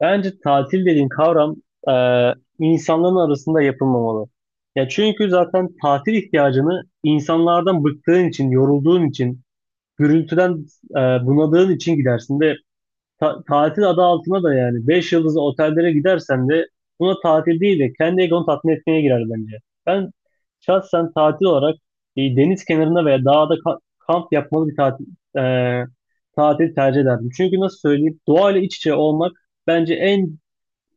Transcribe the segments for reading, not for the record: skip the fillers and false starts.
Bence tatil dediğin kavram e, insanların arasında yapılmamalı. Ya çünkü zaten tatil ihtiyacını insanlardan bıktığın için, yorulduğun için, gürültüden e, bunadığın için gidersin de tatil adı altına da yani 5 yıldızlı otellere gidersen de buna tatil değil de kendi egonu tatmin etmeye girer bence. Ben şahsen tatil olarak deniz kenarında veya dağda kamp yapmalı bir tatil e, tercih ederdim. Çünkü nasıl söyleyeyim, doğayla iç içe olmak bence en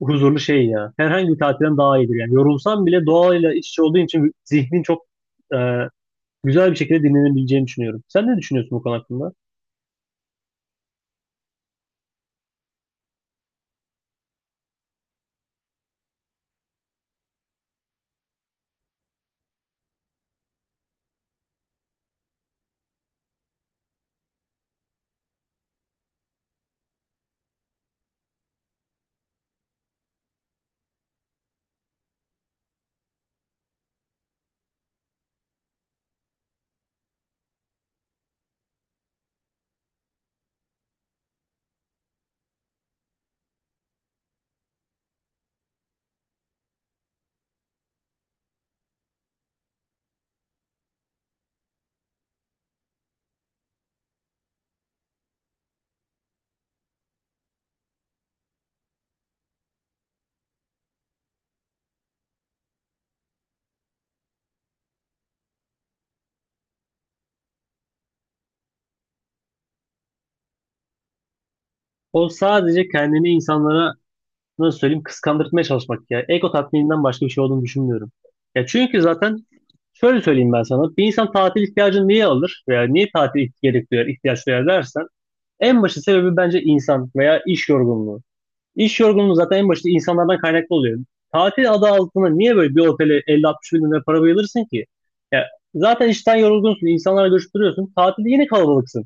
huzurlu şey ya. Herhangi bir tatilden daha iyidir yani. Yorulsam bile doğayla iç içe olduğun için zihnin çok e, güzel bir şekilde dinlenebileceğini düşünüyorum. Sen ne düşünüyorsun bu konu hakkında? O sadece kendini insanlara nasıl söyleyeyim kıskandırtmaya çalışmak ya. Ego tatmininden başka bir şey olduğunu düşünmüyorum. Ya çünkü zaten şöyle söyleyeyim ben sana. Bir insan tatil ihtiyacını niye alır veya niye tatil gerek duyar, ihtiyaç duyar dersen en başı sebebi bence insan veya iş yorgunluğu. İş yorgunluğu zaten en başta insanlardan kaynaklı oluyor. Tatil adı altında niye böyle bir otele 50-60 bin lira para bayılırsın ki? Ya zaten işten yorgunsun, insanlarla görüştürüyorsun. Tatilde yine kalabalıksın.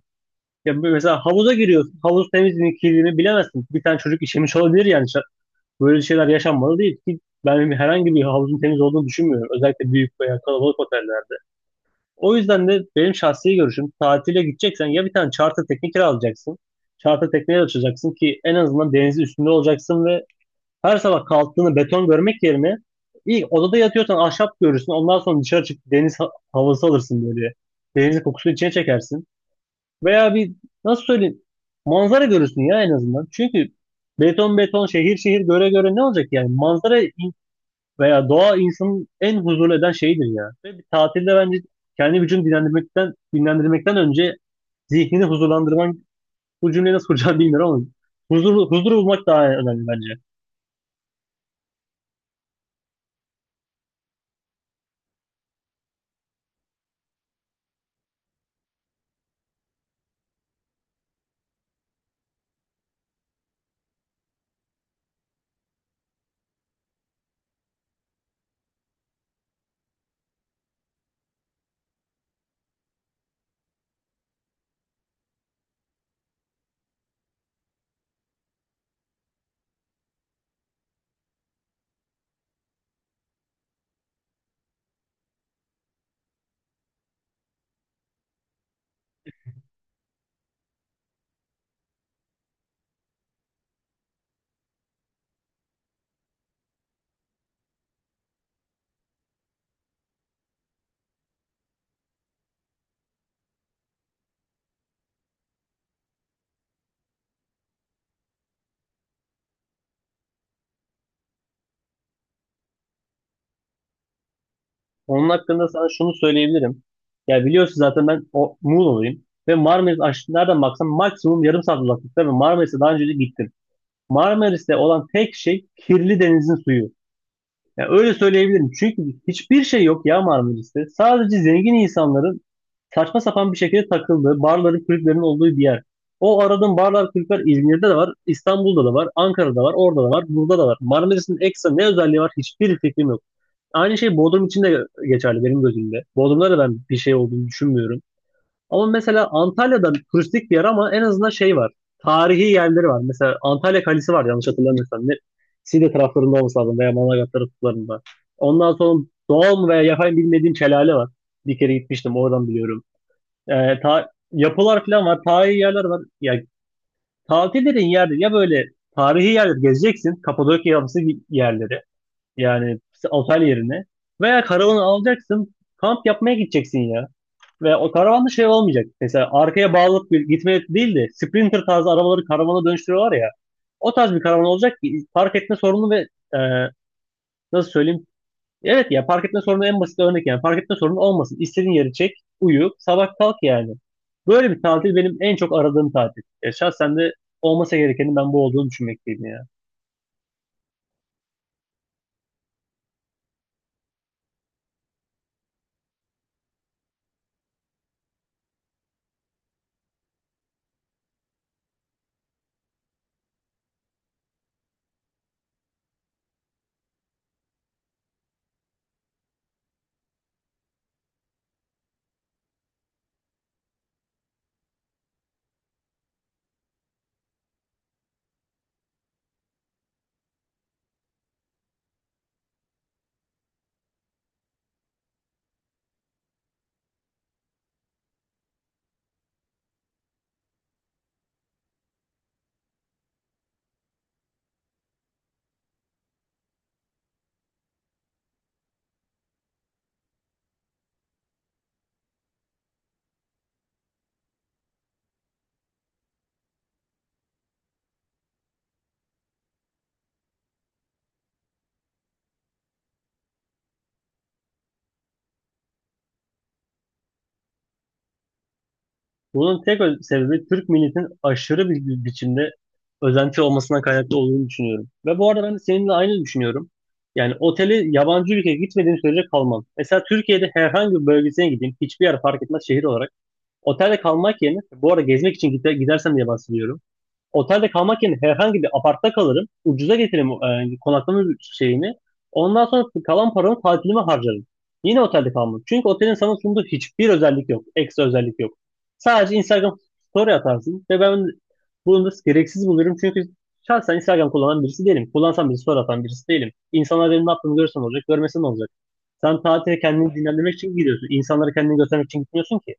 Ya mesela havuza giriyorsun. Havuz temizliğini, mi, bilemezsin. Bir tane çocuk işemiş olabilir yani. Böyle şeyler yaşanmalı değil ki ben herhangi bir havuzun temiz olduğunu düşünmüyorum. Özellikle büyük veya kalabalık otellerde. O yüzden de benim şahsi görüşüm tatile gideceksen ya bir tane charter tekne kiralayacaksın. Charter tekneye açacaksın ki en azından denizin üstünde olacaksın ve her sabah kalktığını beton görmek yerine ilk odada yatıyorsan ahşap görürsün. Ondan sonra dışarı çık deniz havası alırsın böyle. Denizin kokusunu içine çekersin. Veya bir nasıl söyleyeyim manzara görürsün ya en azından. Çünkü beton beton şehir şehir göre göre ne olacak yani? Veya doğa insanın en huzurlu eden şeyidir ya. Ve bir tatilde bence kendi vücudunu dinlendirmekten önce zihnini huzurlandırman bu cümleyi nasıl kuracağım bilmiyorum ama huzur bulmak daha önemli bence. Onun hakkında sana şunu söyleyebilirim. Ya biliyorsun zaten ben o Muğla'lıyım. Ve Marmaris nereden baksam maksimum yarım saat uzaklıkta ve Marmaris'e daha önce de gittim. Marmaris'te olan tek şey kirli denizin suyu. Ya öyle söyleyebilirim. Çünkü hiçbir şey yok ya Marmaris'te. Sadece zengin insanların saçma sapan bir şekilde takıldığı, barların, kulüplerin olduğu bir yer. O aradığın barlar, kulüpler İzmir'de de var, İstanbul'da da var, Ankara'da var, orada da var, burada da var. Marmaris'in ekstra ne özelliği var hiçbir fikrim yok. Aynı şey Bodrum için de geçerli benim gözümde. Bodrum'da da ben bir şey olduğunu düşünmüyorum. Ama mesela Antalya'da turistik bir yer ama en azından şey var. Tarihi yerleri var. Mesela Antalya Kalesi var yanlış hatırlamıyorsam. Ne, Side taraflarında olması lazım veya Manavgat taraflarında. Ondan sonra doğal mı veya yapay mı bilmediğim Çelale var. Bir kere gitmiştim oradan biliyorum. Yapılar falan var. Tarihi yerler var. Ya tatil dediğin yerde ya böyle tarihi yerleri gezeceksin. Kapadokya yapısı yerleri. Yani otel yerine. Veya karavanı alacaksın. Kamp yapmaya gideceksin ya. Ve o karavanda şey olmayacak. Mesela arkaya bağlanıp bir gitmeye değil de Sprinter tarzı arabaları karavana dönüştürüyorlar ya. O tarz bir karavan olacak ki park etme sorunu ve e, nasıl söyleyeyim? Evet ya park etme sorunu en basit örnek yani. Park etme sorunu olmasın. İstediğin yeri çek, uyu, sabah kalk yani. Böyle bir tatil benim en çok aradığım tatil. Şahsen de olmasa gerekenin ben bu olduğunu düşünmekteyim yani. Bunun tek sebebi Türk milletinin aşırı bir biçimde özenti olmasına kaynaklı olduğunu düşünüyorum. Ve bu arada ben de seninle aynı düşünüyorum. Yani oteli yabancı ülkeye gitmediğim sürece kalmam. Mesela Türkiye'de herhangi bir bölgesine gideyim, hiçbir yer fark etmez şehir olarak. Otelde kalmak yerine, bu arada gezmek için gidersem diye bahsediyorum. Otelde kalmak yerine herhangi bir apartta kalırım. Ucuza getiririm konaklama şeyini. Ondan sonra kalan paramı tatilime harcarım. Yine otelde kalmam. Çünkü otelin sana sunduğu hiçbir özellik yok. Ekstra özellik yok. Sadece Instagram story atarsın ve ben bunu da gereksiz buluyorum. Çünkü şahsen Instagram kullanan birisi değilim. Kullansam bir story atan birisi değilim. İnsanlar benim ne yaptığımı görürsen olacak, görmesen olacak. Sen tatile kendini dinlendirmek için gidiyorsun. İnsanlara kendini göstermek için gitmiyorsun ki.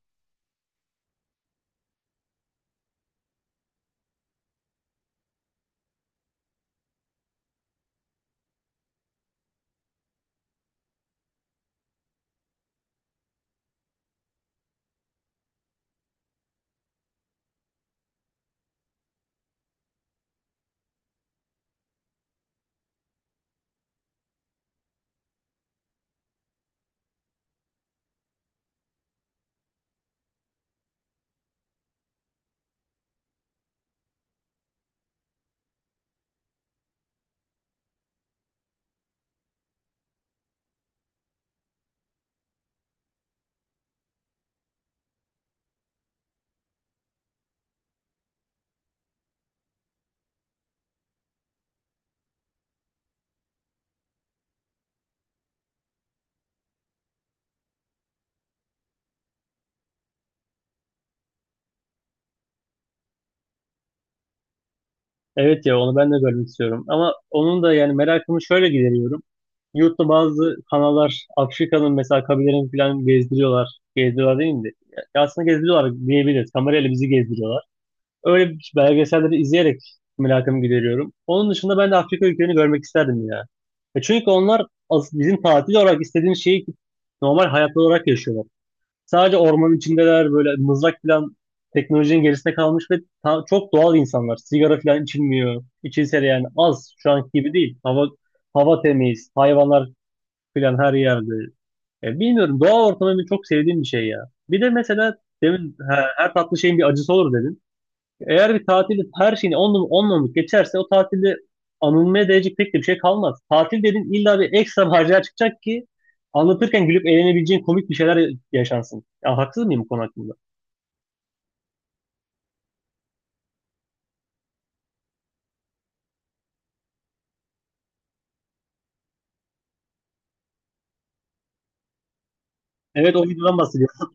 Evet ya onu ben de görmek istiyorum. Ama onun da yani merakımı şöyle gideriyorum. Yurtta bazı kanallar Afrika'nın mesela kabilelerini falan gezdiriyorlar. Gezdiriyorlar değil mi? Ya aslında gezdiriyorlar diyebiliriz. Kamerayla bizi gezdiriyorlar. Öyle belgeselleri izleyerek merakımı gideriyorum. Onun dışında ben de Afrika ülkelerini görmek isterdim ya. Çünkü onlar bizim tatil olarak istediğimiz şeyi normal hayat olarak yaşıyorlar. Sadece ormanın içindeler böyle mızrak falan teknolojinin gerisinde kalmış ve çok doğal insanlar. Sigara falan içilmiyor. İçilse de yani az şu anki gibi değil. Hava temiz, hayvanlar filan her yerde. Bilmiyorum doğa ortamı benim çok sevdiğim bir şey ya. Bir de mesela demin ha, her tatlı şeyin bir acısı olur dedin. Eğer bir tatilde her şeyini onunla geçerse o tatilde anılmaya değecek pek de bir şey kalmaz. Tatil dedin illa bir ekstra macera çıkacak ki anlatırken gülüp eğlenebileceğin komik bir şeyler yaşansın. Ya haksız mıyım bu konu hakkında? Evet o videodan bahsediyorum.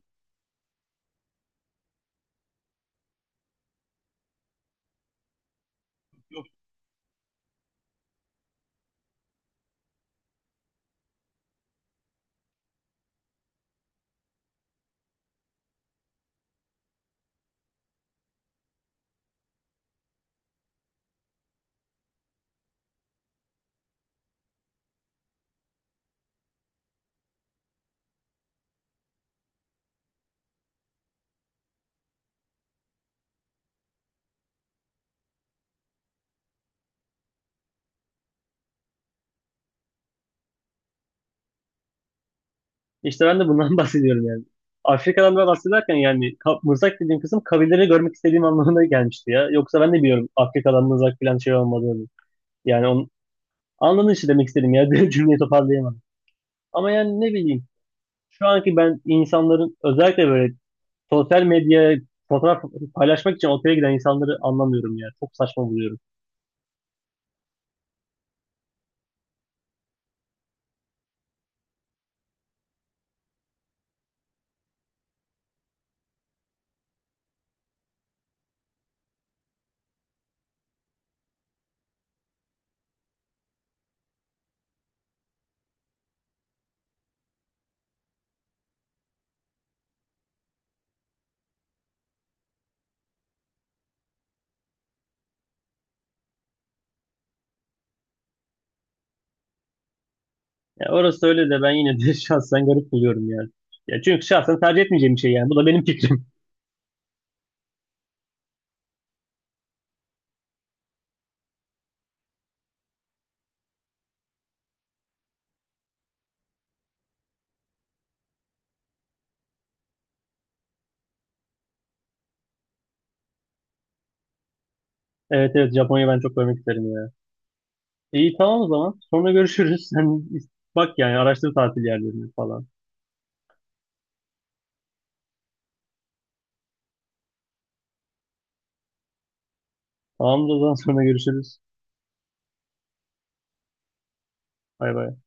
İşte ben de bundan bahsediyorum yani. Afrika'dan da bahsederken yani mırsak dediğim kısım kabileleri görmek istediğim anlamına gelmişti ya. Yoksa ben de biliyorum Afrika'dan mızrak falan şey olmadığını. Yani onun anladın işte demek istedim ya. Cümleyi toparlayamadım. Ama yani ne bileyim. Şu anki ben insanların özellikle böyle sosyal medyaya fotoğraf paylaşmak için otele giden insanları anlamıyorum ya. Çok saçma buluyorum. Ya orası öyle de ben yine de şahsen garip buluyorum yani. Ya çünkü şahsen tercih etmeyeceğim bir şey yani. Bu da benim fikrim. Evet evet, Japonya'yı ben çok görmek isterim ya. İyi, tamam o zaman. Sonra görüşürüz. Sen bak yani, araştır tatil yerlerini falan. Tamam o zaman, sonra görüşürüz. Bay bay.